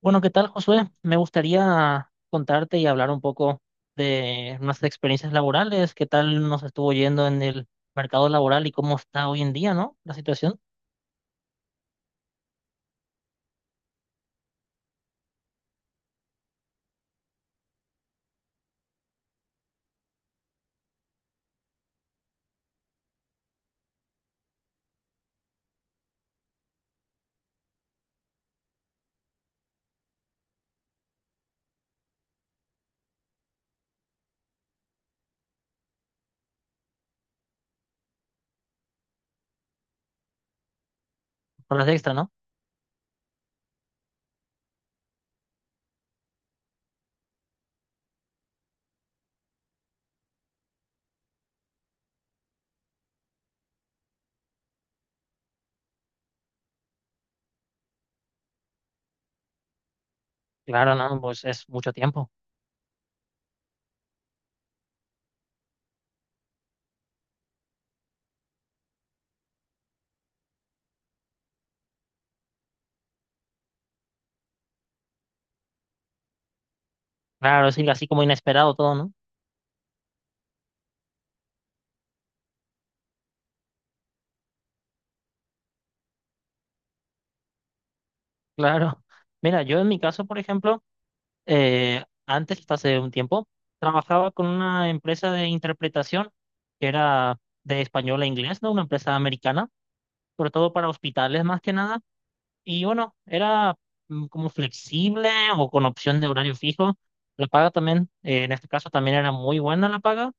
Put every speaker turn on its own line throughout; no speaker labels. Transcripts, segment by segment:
Bueno, ¿qué tal, Josué? Me gustaría contarte y hablar un poco de nuestras experiencias laborales, qué tal nos estuvo yendo en el mercado laboral y cómo está hoy en día, ¿no? La situación con las extras, ¿no? Claro, no, pues es mucho tiempo. Claro, es así como inesperado todo, ¿no? Claro. Mira, yo en mi caso, por ejemplo, antes, hasta hace un tiempo, trabajaba con una empresa de interpretación que era de español a inglés, ¿no? Una empresa americana, sobre todo para hospitales más que nada. Y bueno, era como flexible o con opción de horario fijo. La paga también, en este caso también era muy buena la paga.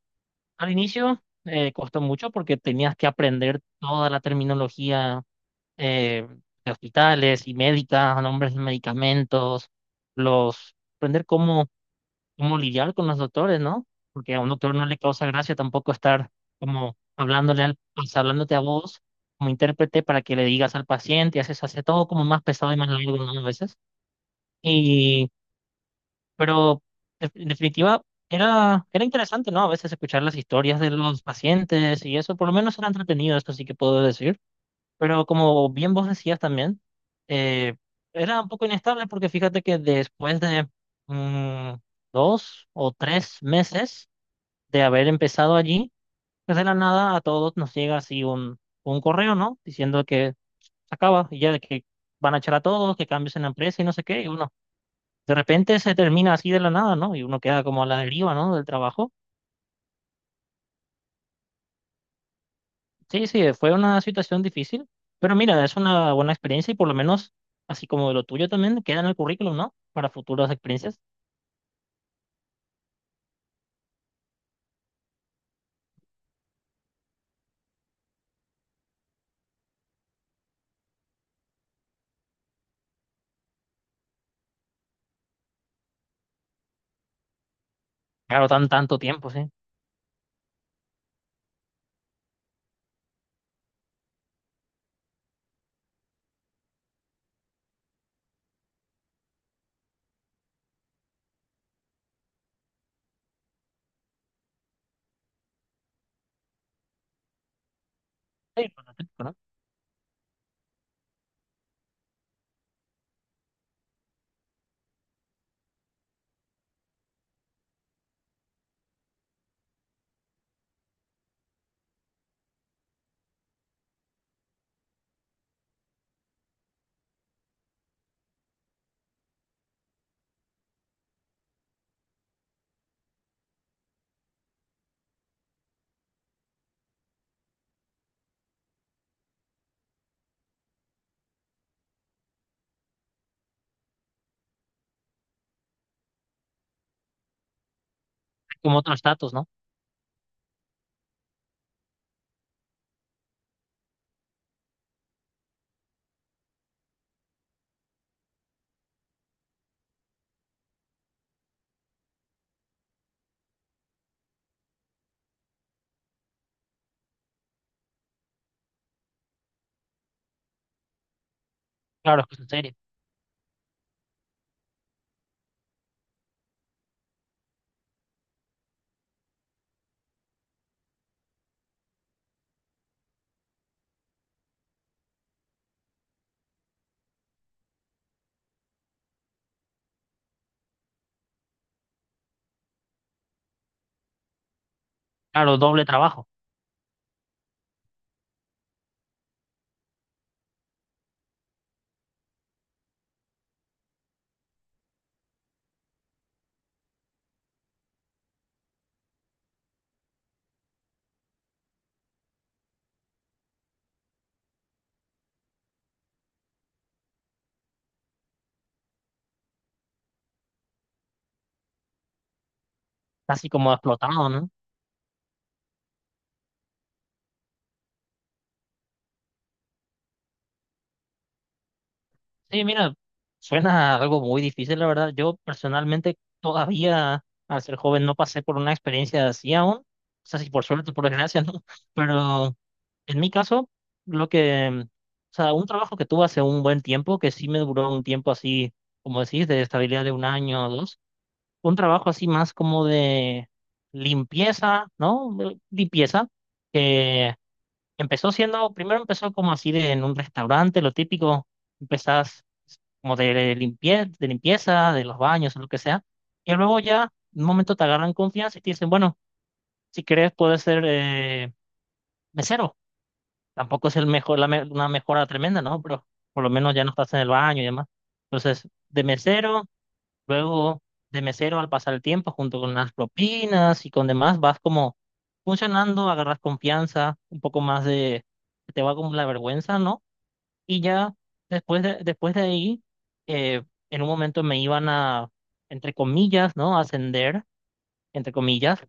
Al inicio costó mucho porque tenías que aprender toda la terminología eh, de hospitales y médica, nombres de medicamentos, aprender cómo cómo lidiar con los doctores, ¿no? Porque a un doctor no le causa gracia tampoco estar como hablándole al, pues, hablándote a vos como intérprete para que le digas al paciente, y hace todo como más pesado y más largo, ¿no? A veces. Y, pero en definitiva, era interesante, ¿no? A veces escuchar las historias de los pacientes y eso, por lo menos era entretenido, esto sí que puedo decir. Pero como bien vos decías también, eh, era un poco inestable porque fíjate que después de mm, 2 o 3 meses de haber empezado allí, pues de la nada a todos nos llega así un correo, ¿no? Diciendo que se acaba y ya de que van a echar a todos, que cambios en la empresa y no sé qué. Y uno, de repente se termina así de la nada, ¿no? Y uno queda como a la deriva, ¿no? Del trabajo. Sí, sí, fue una situación difícil, pero mira, es una buena experiencia y por lo menos, así como de lo tuyo también, queda en el currículum, ¿no? Para futuras experiencias. Claro, tanto tiempo, sí. Sí, por lo típico, ¿no? Como otro estatus, ¿no? Claro, es que es en serio. Claro, doble trabajo, casi como explotado, ¿no? Sí, mira, suena algo muy difícil, la verdad. Yo personalmente todavía, al ser joven, no pasé por una experiencia así aún. O sea, si por suerte, por desgracia, ¿no? Pero en mi caso, lo que, o sea, un trabajo que tuve hace un buen tiempo, que sí me duró un tiempo así, como decís, de estabilidad de 1 año o 2, un trabajo así más como de limpieza, ¿no? Limpieza, que empezó siendo, primero empezó como así de, en un restaurante, lo típico, empezás como de, de limpieza, de los baños, o lo que sea, y luego ya, en un momento te agarran confianza y te dicen, bueno, si querés puedes ser mesero, tampoco es el mejor, una mejora tremenda, ¿no? Pero por lo menos ya no estás en el baño y demás. Entonces, de mesero. Luego, de mesero, al pasar el tiempo, junto con las propinas y con demás, vas como funcionando, agarras confianza, un poco más de, te va como la vergüenza, ¿no? Y ya después de ahí, eh, en un momento me iban a, entre comillas, ¿no? ascender entre comillas,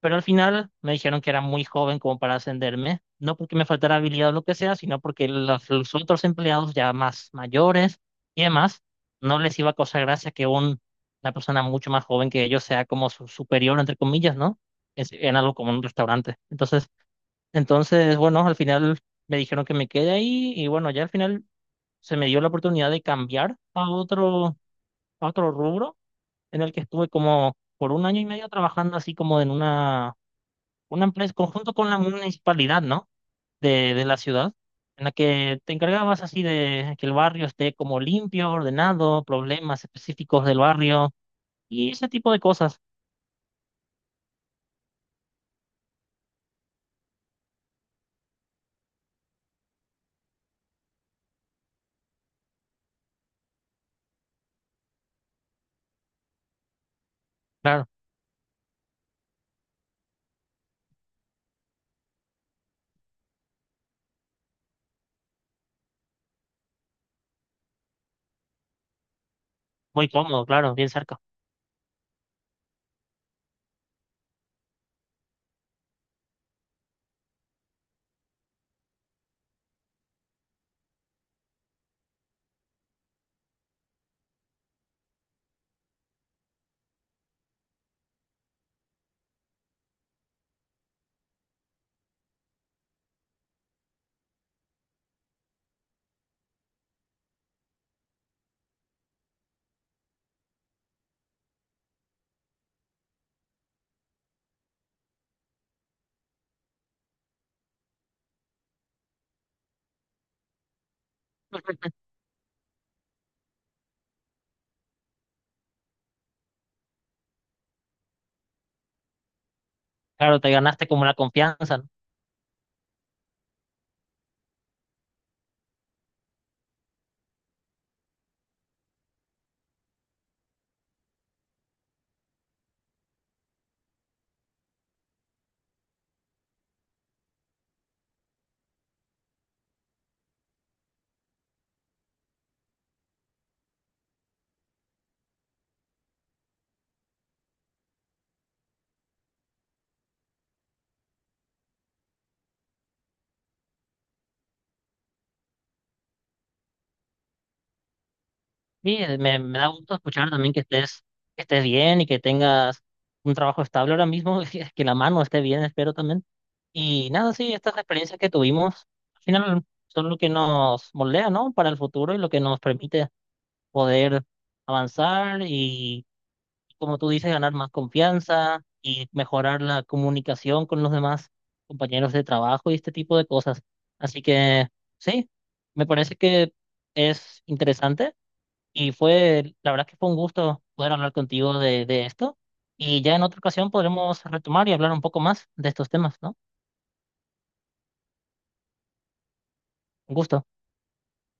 pero al final me dijeron que era muy joven como para ascenderme, no porque me faltara habilidad o lo que sea, sino porque los otros empleados ya más mayores y demás, no les iba a causar gracia que una persona mucho más joven que ellos sea como su superior, entre comillas, ¿no? Es, en algo como un restaurante. Entonces, entonces, bueno, al final me dijeron que me quede ahí y bueno, ya al final se me dio la oportunidad de cambiar a a otro rubro en el que estuve como por 1 año y medio trabajando así como en una empresa, conjunto con la municipalidad, ¿no? De la ciudad, en la que te encargabas así de que el barrio esté como limpio, ordenado, problemas específicos del barrio y ese tipo de cosas. Claro, muy cómodo, claro, bien cerca. Claro, te ganaste como la confianza. Sí, me da gusto escuchar también que estés bien y que tengas un trabajo estable ahora mismo, que la mano esté bien, espero también. Y nada, sí, estas experiencias que tuvimos, al final son lo que nos moldea, ¿no? Para el futuro y lo que nos permite poder avanzar y, como tú dices, ganar más confianza y mejorar la comunicación con los demás compañeros de trabajo y este tipo de cosas. Así que sí, me parece que es interesante y fue, la verdad que fue un gusto poder hablar contigo de esto. Y ya en otra ocasión podremos retomar y hablar un poco más de estos temas, ¿no? Un gusto.